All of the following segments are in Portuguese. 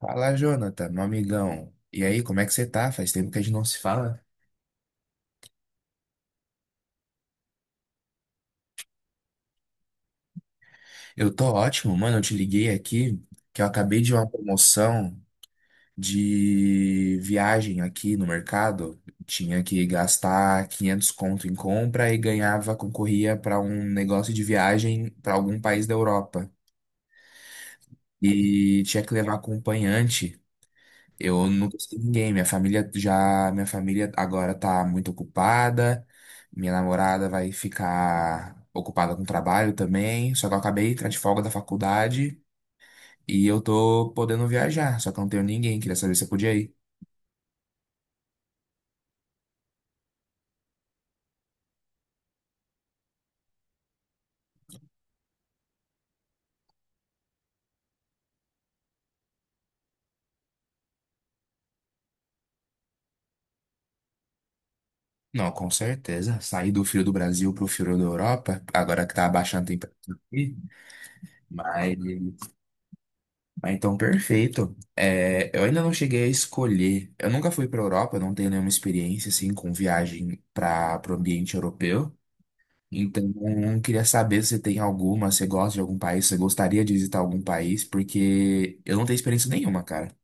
Fala, Jonathan, meu amigão. E aí, como é que você tá? Faz tempo que a gente não se fala. Eu tô ótimo, mano. Eu te liguei aqui que eu acabei de uma promoção de viagem aqui no mercado. Tinha que gastar 500 conto em compra e ganhava, concorria para um negócio de viagem para algum país da Europa. E tinha que levar acompanhante. Eu não conheci ninguém. Minha família agora tá muito ocupada. Minha namorada vai ficar ocupada com trabalho também. Só que eu acabei de entrar de folga da faculdade e eu tô podendo viajar. Só que eu não tenho ninguém. Queria saber se eu podia ir. Não, com certeza. Sair do frio do Brasil pro frio da Europa, agora que tá abaixando a temperatura aqui. Mas ah, então, perfeito. É, eu ainda não cheguei a escolher. Eu nunca fui para a Europa, não tenho nenhuma experiência assim com viagem para o ambiente europeu. Então, eu queria saber se você tem alguma, se você gosta de algum país, se você gostaria de visitar algum país, porque eu não tenho experiência nenhuma, cara.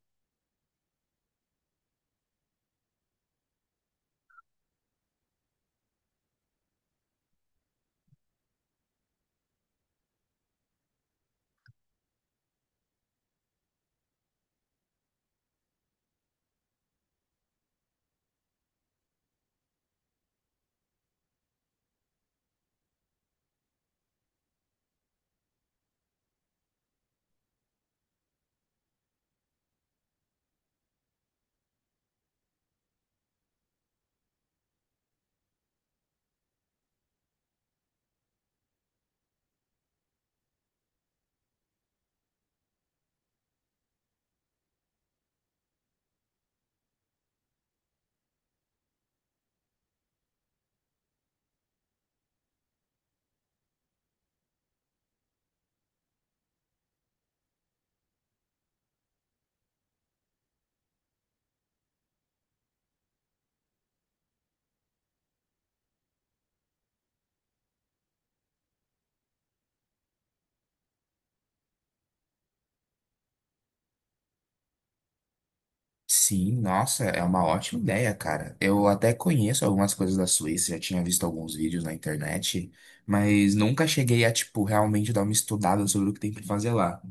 Sim, nossa, é uma ótima ideia, cara. Eu até conheço algumas coisas da Suíça, já tinha visto alguns vídeos na internet, mas nunca cheguei a, tipo, realmente dar uma estudada sobre o que tem para fazer lá.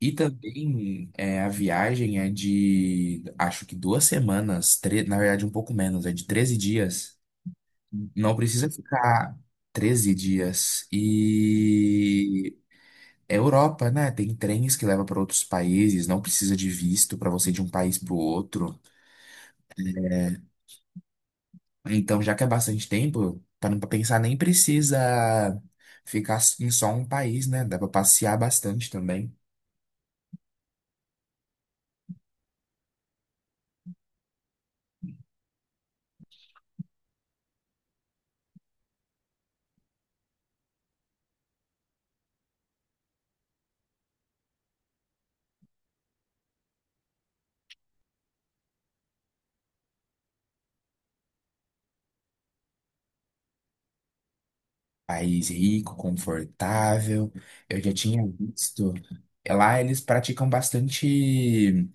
E também é, a viagem é de, acho que duas semanas, na verdade um pouco menos, é de 13 dias. Não precisa ficar 13 dias. E é Europa, né? Tem trens que levam para outros países, não precisa de visto para você ir de um país para o outro. Então, já que é bastante tempo, para não pensar, nem precisa ficar em só um país, né? Dá para passear bastante também. País rico, confortável. Eu já tinha visto. Lá eles praticam bastante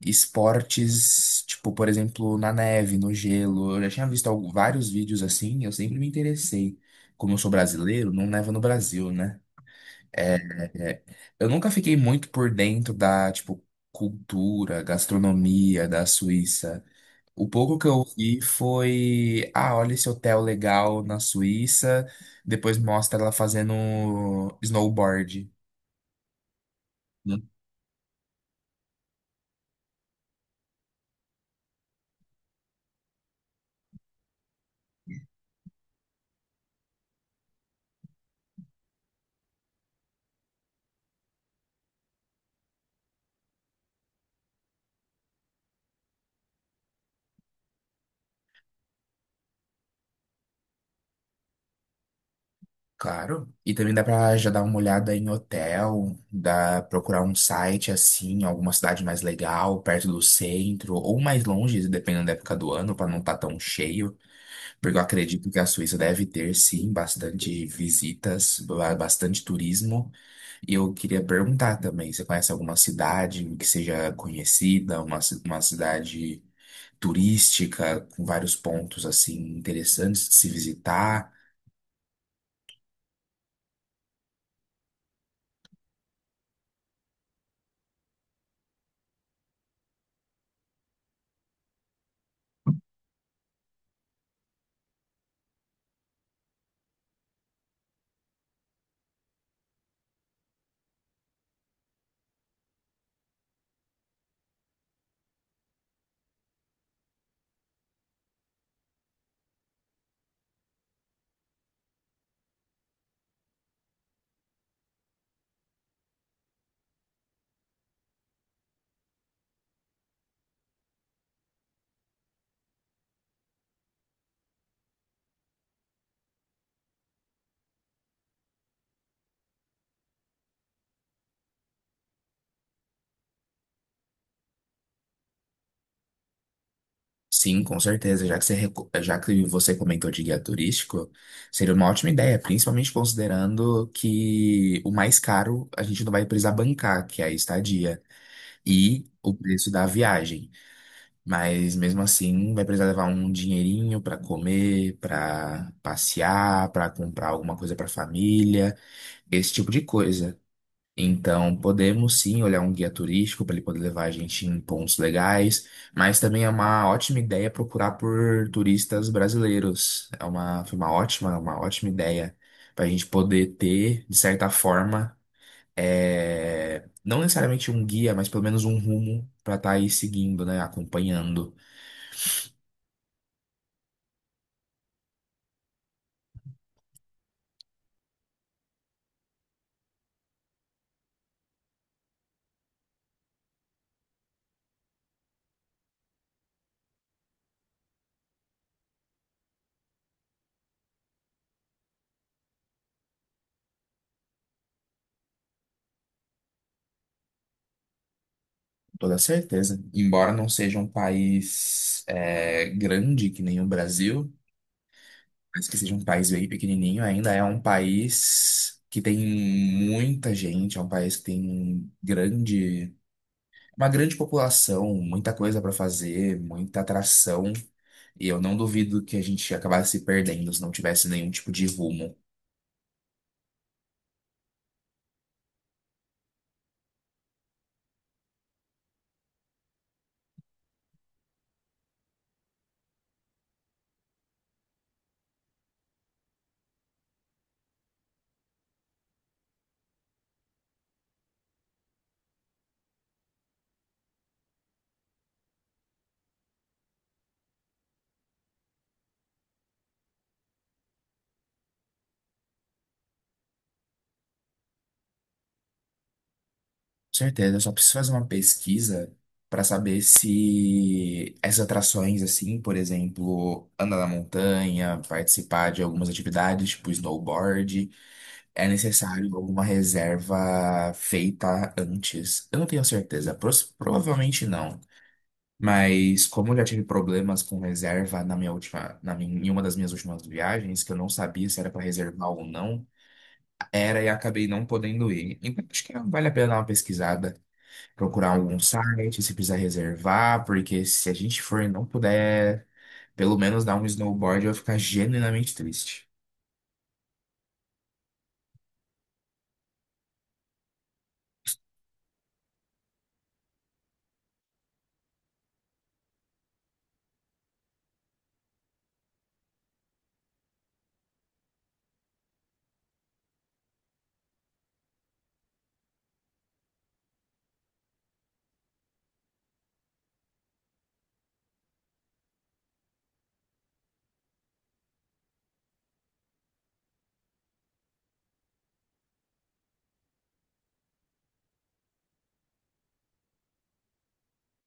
esportes, tipo, por exemplo, na neve, no gelo. Eu já tinha visto vários vídeos assim, eu sempre me interessei. Como eu sou brasileiro, não neva no Brasil, né? É, é, é. Eu nunca fiquei muito por dentro da, tipo, cultura, gastronomia da Suíça. O pouco que eu vi foi, ah, olha esse hotel legal na Suíça, depois mostra ela fazendo snowboard, né? Claro. E também dá pra já dar uma olhada em hotel, dá procurar um site assim, alguma cidade mais legal, perto do centro, ou mais longe, dependendo da época do ano, pra não estar tão cheio. Porque eu acredito que a Suíça deve ter, sim, bastante visitas, bastante turismo. E eu queria perguntar também, você conhece alguma cidade que seja conhecida, uma cidade turística com vários pontos assim interessantes de se visitar? Sim, com certeza. Já que você, já que você comentou de guia turístico, seria uma ótima ideia, principalmente considerando que o mais caro a gente não vai precisar bancar, que é a estadia, e o preço da viagem. Mas mesmo assim, vai precisar levar um dinheirinho para comer, para passear, para comprar alguma coisa para família, esse tipo de coisa. Então, podemos sim olhar um guia turístico para ele poder levar a gente em pontos legais, mas também é uma ótima ideia procurar por turistas brasileiros. Foi uma ótima ideia para a gente poder ter, de certa forma, é, não necessariamente um guia, mas pelo menos um rumo para estar aí seguindo, né, acompanhando. Toda certeza. Embora não seja um país é, grande que nem o Brasil, mas que seja um país bem pequenininho, ainda é um país que tem muita gente, é um país uma grande população, muita coisa para fazer, muita atração. E eu não duvido que a gente acabasse se perdendo se não tivesse nenhum tipo de rumo. Certeza, eu só preciso fazer uma pesquisa para saber se essas atrações, assim, por exemplo, andar na montanha, participar de algumas atividades, tipo snowboard, é necessário alguma reserva feita antes. Eu não tenho certeza, provavelmente não. Mas como eu já tive problemas com reserva na minha última, na minha, em uma das minhas últimas viagens, que eu não sabia se era para reservar ou não, era e acabei não podendo ir. Então acho que vale a pena dar uma pesquisada, procurar algum site, se precisar reservar, porque se a gente for e não puder, pelo menos dar um snowboard, eu vou ficar genuinamente triste.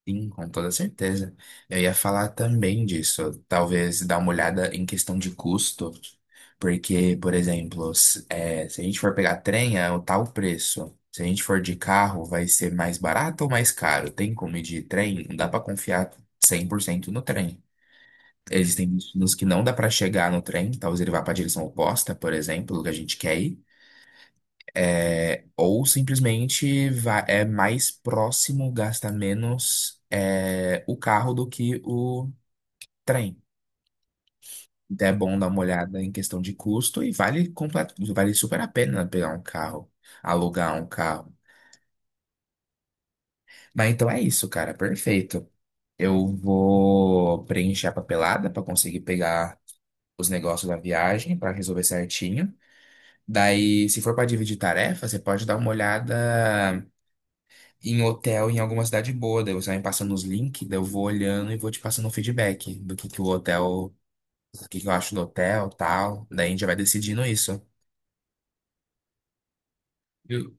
Sim, com toda certeza. Eu ia falar também disso, talvez dar uma olhada em questão de custo, porque, por exemplo, se a gente for pegar trem, é o tal preço. Se a gente for de carro, vai ser mais barato ou mais caro? Tem como ir de trem? Não dá para confiar 100% no trem. Existem destinos que não dá para chegar no trem, talvez ele vá para a direção oposta, por exemplo, que a gente quer ir. É, ou simplesmente vá, é mais próximo, gasta menos é, o carro do que o trem. Então é bom dar uma olhada em questão de custo e vale super a pena pegar um carro, alugar um carro. Mas então é isso, cara, perfeito. Eu vou preencher a papelada para conseguir pegar os negócios da viagem, para resolver certinho. Daí, se for para dividir tarefa, você pode dar uma olhada em hotel em alguma cidade boa. Daí você vai me passando os links, daí eu vou olhando e vou te passando um feedback do que eu acho do hotel, tal. Daí a gente já vai decidindo isso. Eu-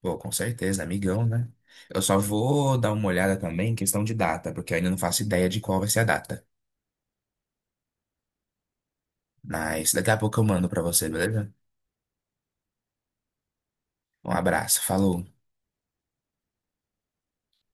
pô, com certeza, amigão, né? Eu só vou dar uma olhada também em questão de data, porque eu ainda não faço ideia de qual vai ser a data. Mas daqui a pouco eu mando para você, beleza? Um abraço, falou.